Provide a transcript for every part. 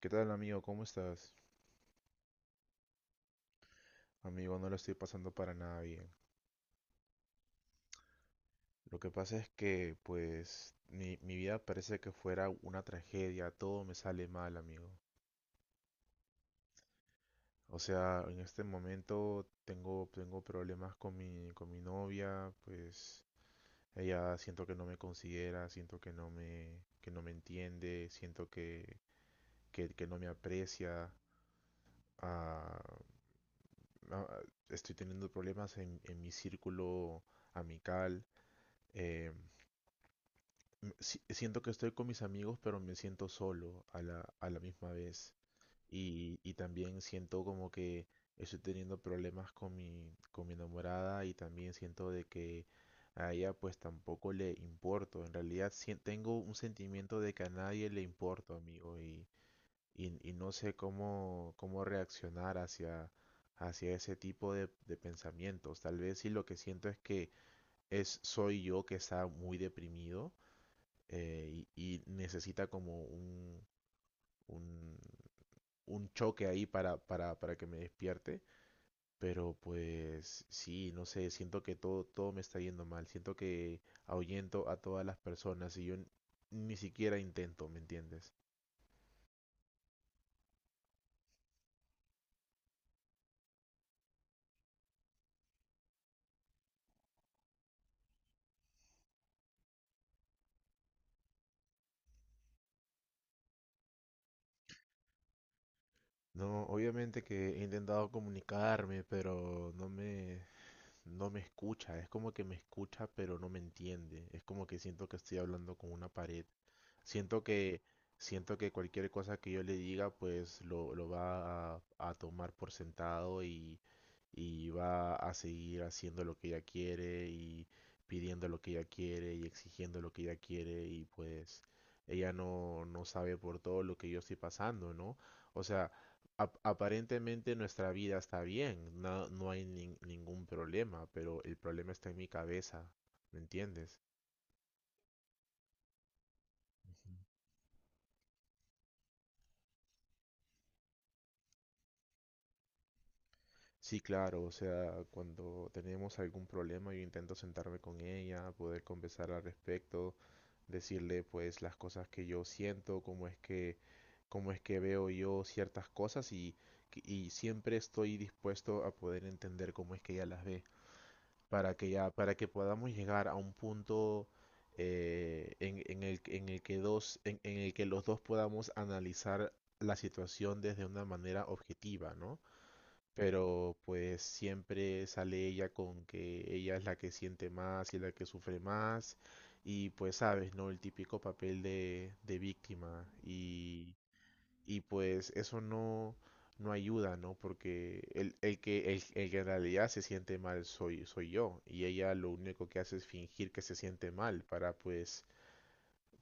¿Qué tal, amigo? ¿Cómo estás? Amigo, no lo estoy pasando para nada bien. Lo que pasa es que, pues, mi vida parece que fuera una tragedia, todo me sale mal, amigo. O sea, en este momento tengo problemas con mi novia, pues ella siento que no me considera, siento que no que no me entiende, siento que no me aprecia. Ah, ah, estoy teniendo problemas en mi círculo amical. em, Siento que estoy con mis amigos, pero me siento solo a la misma vez. Y también siento como que estoy teniendo problemas con mi enamorada y también siento de que a ella pues tampoco le importo. En realidad tengo un sentimiento de que a nadie le importo, amigo, y no sé cómo reaccionar hacia ese tipo de pensamientos. Tal vez si lo que siento es que es, soy yo que está muy deprimido y necesita como un, un choque ahí para que me despierte. Pero pues sí, no sé, siento que todo me está yendo mal, siento que ahuyento a todas las personas y yo ni siquiera intento, ¿me entiendes? No, obviamente que he intentado comunicarme, pero no no me escucha, es como que me escucha pero no me entiende, es como que siento que estoy hablando con una pared, siento que siento que cualquier cosa que yo le diga pues lo va a tomar por sentado y va a seguir haciendo lo que ella quiere y pidiendo lo que ella quiere y exigiendo lo que ella quiere y pues ella no, no sabe por todo lo que yo estoy pasando, ¿no? O sea, aparentemente nuestra vida está bien, no, no hay ningún problema, pero el problema está en mi cabeza, ¿me entiendes? Sí, claro, o sea, cuando tenemos algún problema yo intento sentarme con ella, poder conversar al respecto, decirle pues las cosas que yo siento, cómo es que veo yo ciertas cosas y siempre estoy dispuesto a poder entender cómo es que ella las ve. Para que ya, para que podamos llegar a un punto en el que dos, en el que los dos podamos analizar la situación desde una manera objetiva, ¿no? Pero pues siempre sale ella con que ella es la que siente más y la que sufre más. Y pues sabes, ¿no? El típico papel de víctima. Y pues eso no, no ayuda, ¿no? Porque el que en realidad se siente mal soy, soy yo. Y ella lo único que hace es fingir que se siente mal para pues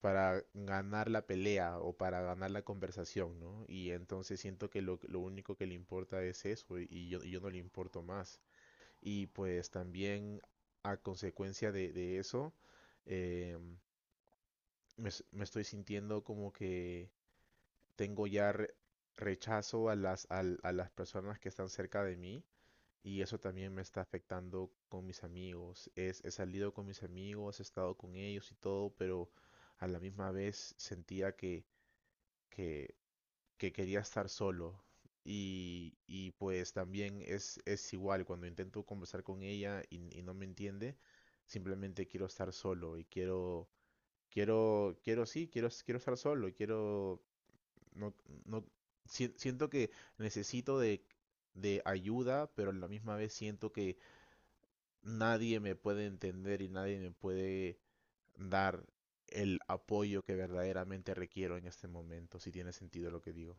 para ganar la pelea o para ganar la conversación, ¿no? Y entonces siento que lo único que le importa es eso y yo no le importo más. Y pues también a consecuencia de eso, eh, me estoy sintiendo como que tengo ya rechazo a las personas que están cerca de mí y eso también me está afectando con mis amigos. He salido con mis amigos, he estado con ellos y todo, pero a la misma vez sentía que, que quería estar solo. Y pues también es igual, cuando intento conversar con ella y no me entiende, simplemente quiero estar solo y quiero estar solo, quiero no, no, si- siento que necesito de ayuda, pero a la misma vez siento que nadie me puede entender y nadie me puede dar el apoyo que verdaderamente requiero en este momento, si tiene sentido lo que digo.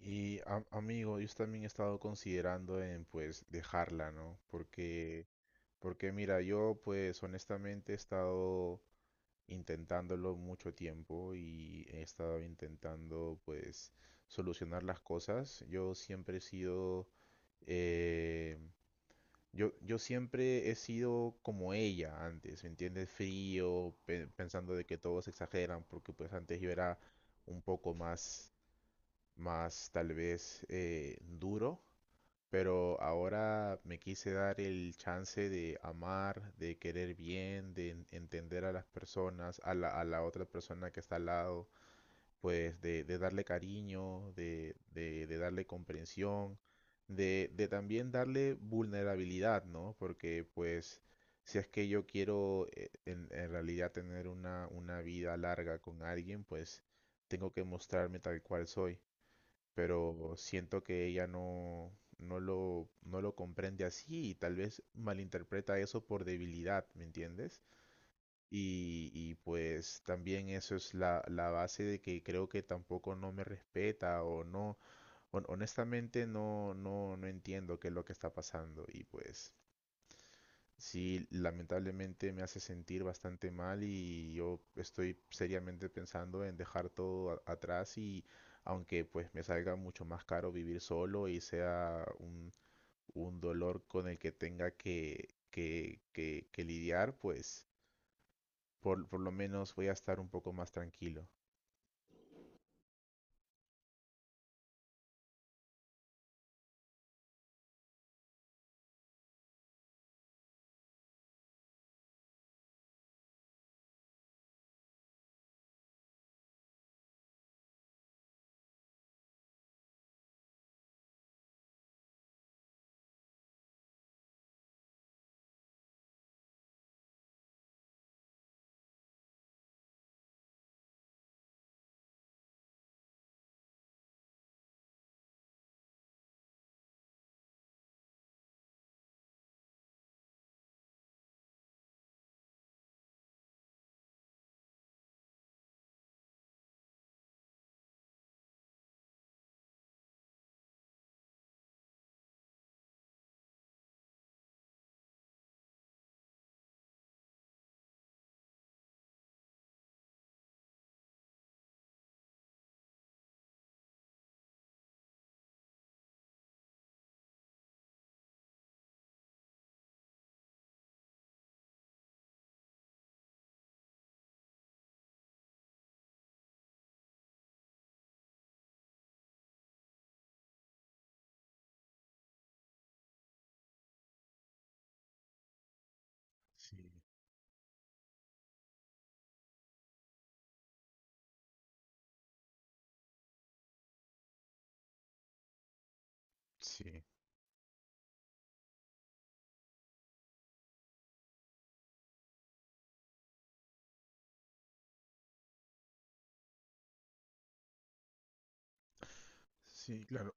Y amigo, yo también he estado considerando en pues dejarla, ¿no? Porque, porque mira, yo pues honestamente he estado intentándolo mucho tiempo y he estado intentando pues solucionar las cosas. Yo siempre he sido, eh, yo siempre he sido como ella antes, ¿me entiendes? Frío, pensando de que todos exageran, porque pues antes yo era un poco más, más tal vez duro, pero ahora me quise dar el chance de amar, de querer bien, de entender a las personas, a la otra persona que está al lado, pues de darle cariño, de darle comprensión, de también darle vulnerabilidad, ¿no? Porque pues si es que yo quiero en realidad tener una vida larga con alguien, pues tengo que mostrarme tal cual soy, pero siento que ella no, no lo comprende así y tal vez malinterpreta eso por debilidad, ¿me entiendes? Y pues también eso es la base de que creo que tampoco no me respeta o no, honestamente no entiendo qué es lo que está pasando y pues sí, lamentablemente me hace sentir bastante mal y yo estoy seriamente pensando en dejar todo atrás y aunque pues me salga mucho más caro vivir solo y sea un dolor con el que tenga que lidiar, pues por lo menos voy a estar un poco más tranquilo. Sí, sí, sí, claro.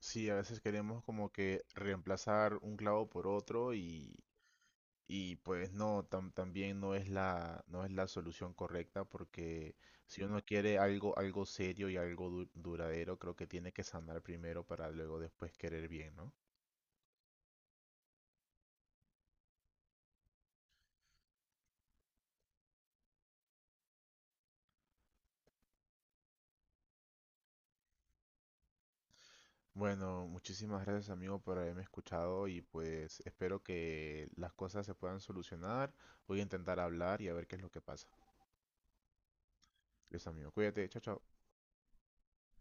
Sí, a veces queremos como que reemplazar un clavo por otro. Y pues no, también no es la, no es la solución correcta, porque si uno quiere algo, algo serio y algo duradero, creo que tiene que sanar primero para luego después querer bien, ¿no? Bueno, muchísimas gracias amigo por haberme escuchado y pues espero que las cosas se puedan solucionar. Voy a intentar hablar y a ver qué es lo que pasa. Gracias amigo, cuídate, chao, chao.